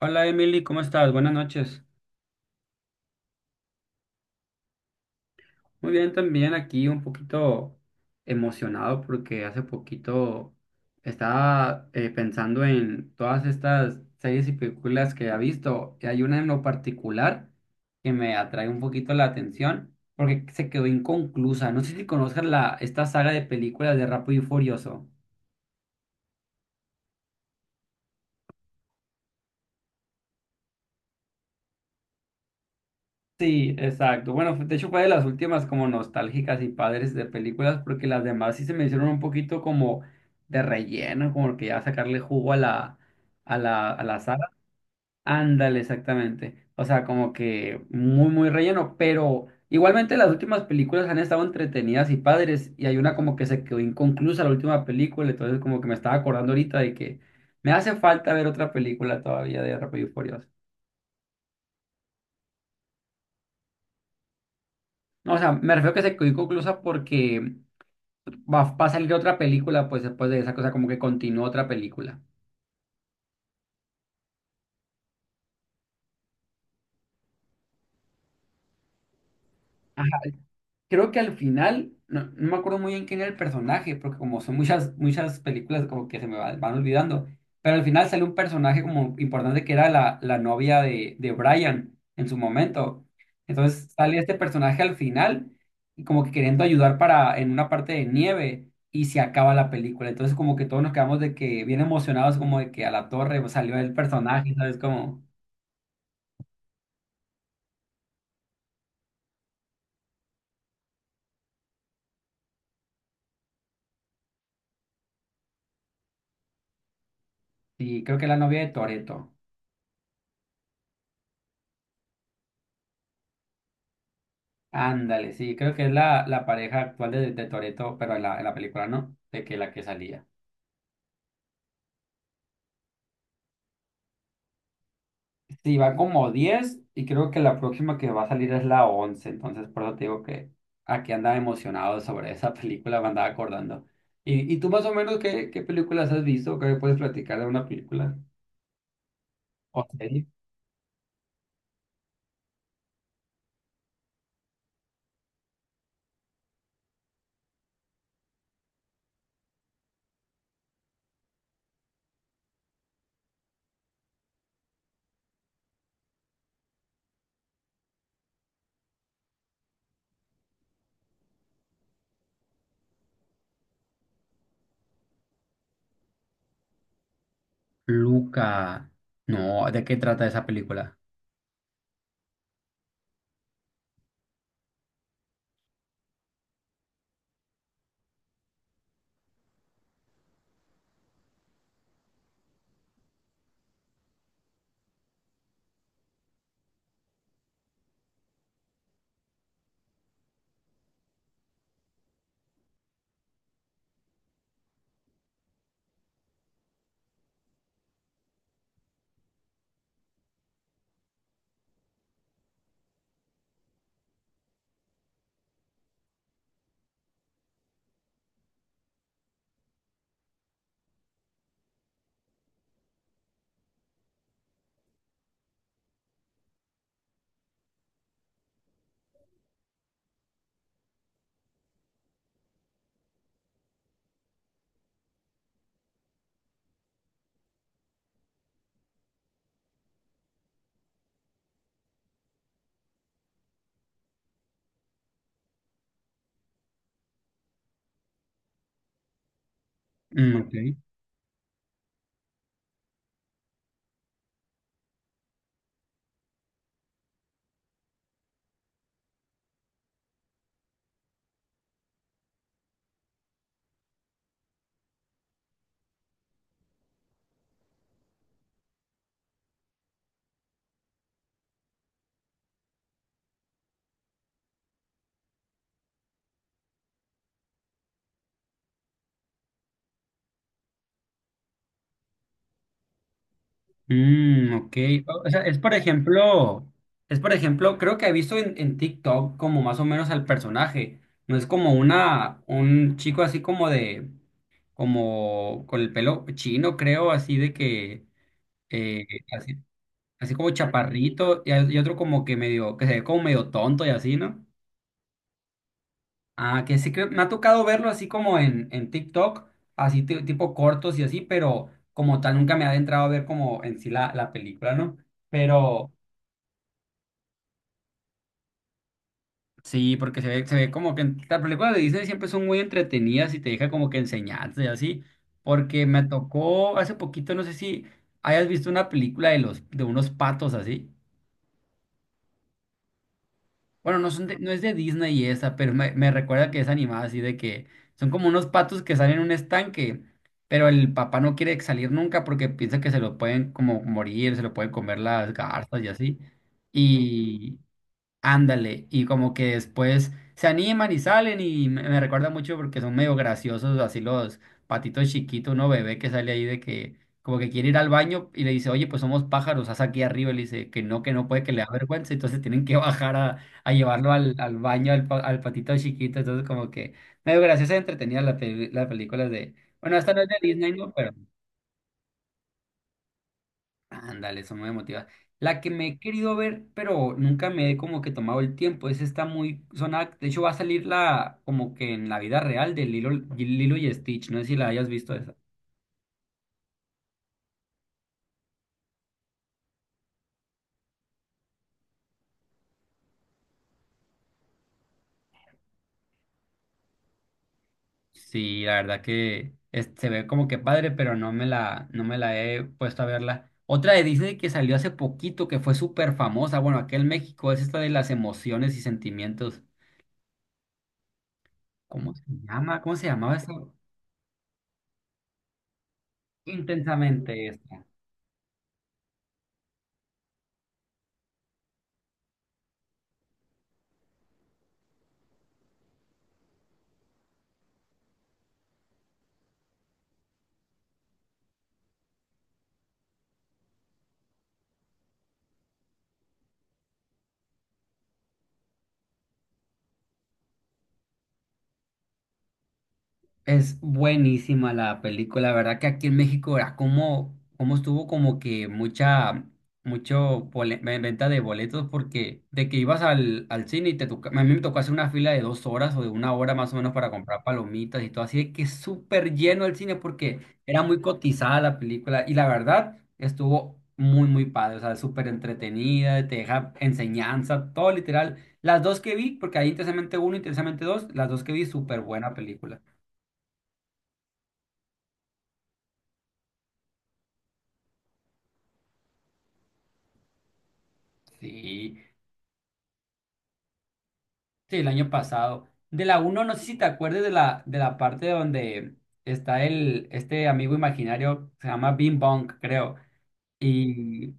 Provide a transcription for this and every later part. Hola Emily, ¿cómo estás? Buenas noches. Muy bien, también aquí un poquito emocionado porque hace poquito estaba pensando en todas estas series y películas que ha visto y hay una en lo particular que me atrae un poquito la atención porque se quedó inconclusa. No sé si conozcas esta saga de películas de Rápido y Furioso. Sí, exacto. Bueno, de hecho fue de las últimas como nostálgicas y padres de películas, porque las demás sí se me hicieron un poquito como de relleno, como que ya sacarle jugo a la saga. Ándale, exactamente. O sea, como que muy, muy relleno, pero igualmente las últimas películas han estado entretenidas y padres, y hay una como que se quedó inconclusa la última película, entonces como que me estaba acordando ahorita de que me hace falta ver otra película todavía de Rápido y Furioso. No, o sea, me refiero que se quedó inconclusa porque va a salir otra película, pues después de esa cosa, como que continuó otra película. Ajá. Creo que al final, no me acuerdo muy bien quién era el personaje, porque como son muchas, muchas películas como que se me van olvidando, pero al final sale un personaje como importante que era la novia de Brian en su momento. Entonces sale este personaje al final y como que queriendo ayudar para en una parte de nieve y se acaba la película. Entonces como que todos nos quedamos de que bien emocionados como de que a la torre pues, salió el personaje, ¿sabes? Como... Sí, creo que es la novia de Toretto. Ándale, sí, creo que es la pareja actual de Toretto, pero en la película no, de que la que salía. Sí, va como 10 y creo que la próxima que va a salir es la 11, entonces por eso te digo que aquí andaba emocionado sobre esa película, me andaba acordando. ¿Y tú más o menos qué películas has visto? ¿Qué me puedes platicar de una película o serie? Luca. No, ¿de qué trata esa película? Mm, ok. Mm, ok. O sea, es por ejemplo, creo que he visto en TikTok como más o menos al personaje. No es como un chico así como de, como con el pelo chino, creo, así de que, eh, así, así como chaparrito, y otro como que medio, que se ve como medio tonto y así, ¿no? Ah, que sí que me ha tocado verlo así como en TikTok, así tipo cortos y así, pero como tal nunca me ha adentrado a ver como en sí la película, ¿no? Pero. Sí, porque se ve como que las películas de Disney siempre son muy entretenidas y te deja como que enseñanza y así. Porque me tocó hace poquito, no sé si hayas visto una película de unos patos así. Bueno, no son no es de Disney esa, pero me recuerda que es animada así de que son como unos patos que salen en un estanque, pero el papá no quiere salir nunca porque piensa que se lo pueden como morir, se lo pueden comer las garzas y así. Ándale, y como que después se animan y salen y me recuerda mucho porque son medio graciosos, así los patitos chiquitos, uno bebé que sale ahí de que como que quiere ir al baño y le dice, oye, pues somos pájaros, haz aquí arriba, y le dice que no puede, que le da vergüenza, entonces tienen que bajar a llevarlo al baño al patito chiquito, entonces como que medio graciosa y entretenida la película bueno, esta no es de Disney, ¿no? Ándale, son muy motiva. La que me he querido ver, pero nunca me he como que tomado el tiempo. Es Está muy sonada. De hecho, va a salir la como que en la vida real de Lilo y Stitch. No sé si la hayas visto esa. Sí, la verdad que se ve como que padre, pero no me la he puesto a verla. Otra de Disney que salió hace poquito, que fue súper famosa, bueno, aquí en México, es esta de las emociones y sentimientos. ¿Cómo se llama? ¿Cómo se llamaba esa? Intensamente esta. Es buenísima la película, la verdad que aquí en México era como estuvo como que mucha, venta de boletos porque de que ibas al cine y te toca, a mí me tocó hacer una fila de 2 horas o de 1 hora más o menos para comprar palomitas y todo, así de que súper lleno el cine porque era muy cotizada la película y la verdad estuvo muy, muy padre, o sea, súper entretenida, te deja enseñanza, todo literal. Las dos que vi, porque hay intensamente uno, intensamente dos, las dos que vi, súper buena película. Sí, sí, el año pasado. De la uno no sé si te acuerdas de la parte donde está este amigo imaginario, se llama Bing Bong, creo. Y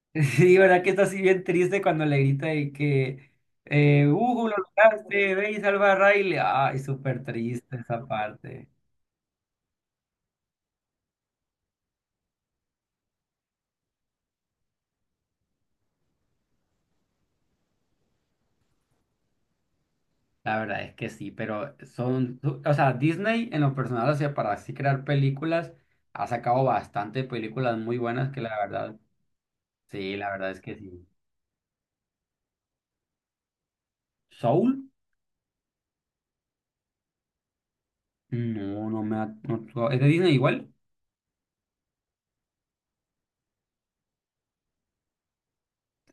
sí, ¿verdad que está así bien triste cuando le grita de que, Hugo, lo lograste, ve y salva a Riley. Ay, súper triste esa parte. La verdad es que sí, pero son, o sea, Disney en lo personal, o sea, para así crear películas, ha sacado bastante películas muy buenas que la verdad, sí, la verdad es que sí. ¿Soul? No, ¿Es de Disney igual?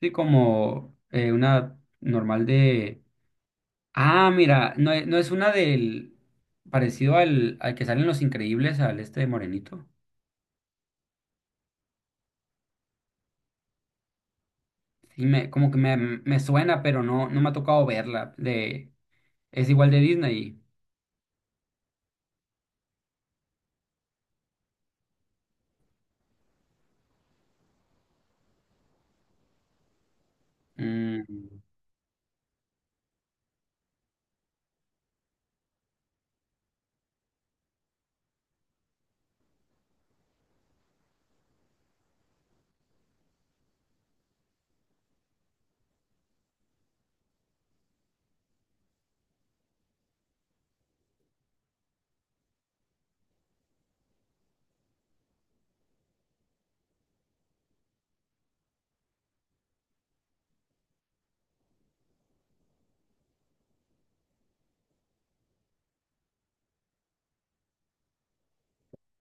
Sí, como una normal de... Ah, mira, no, no es una del... Parecido al que salen Los Increíbles, al este de Morenito. Sí, como que me suena, pero no me ha tocado verla. Es igual de Disney. Mm,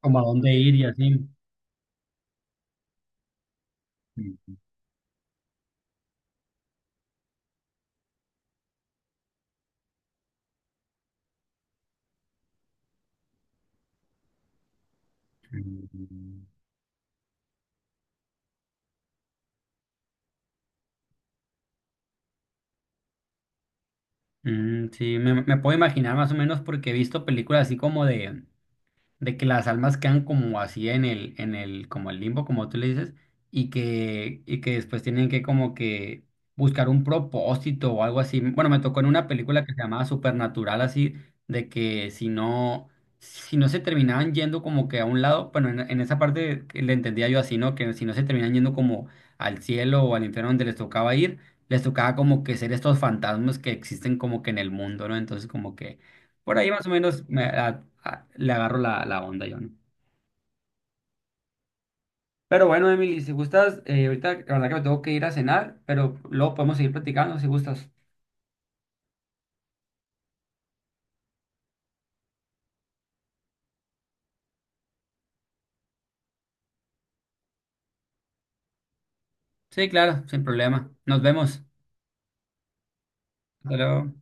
Como a dónde ir y así. Mm, mm, mm. Mm, sí, me puedo imaginar más o menos porque he visto películas así como de... De que las almas quedan como así en el, como el limbo, como tú le dices, y que después tienen que como que buscar un propósito o algo así. Bueno, me tocó en una película que se llamaba Supernatural, así, de que si no se terminaban yendo como que a un lado, bueno, en esa parte que le entendía yo así, ¿no? Que si no se terminaban yendo como al cielo o al infierno donde les tocaba ir, les tocaba como que ser estos fantasmas que existen como que en el mundo, ¿no? Entonces como que por ahí más o menos le agarro la onda yo, ¿no? Pero bueno, Emily, si gustas, ahorita la verdad que me tengo que ir a cenar, pero luego podemos seguir platicando si gustas. Sí, claro, sin problema. Nos vemos. Hasta luego.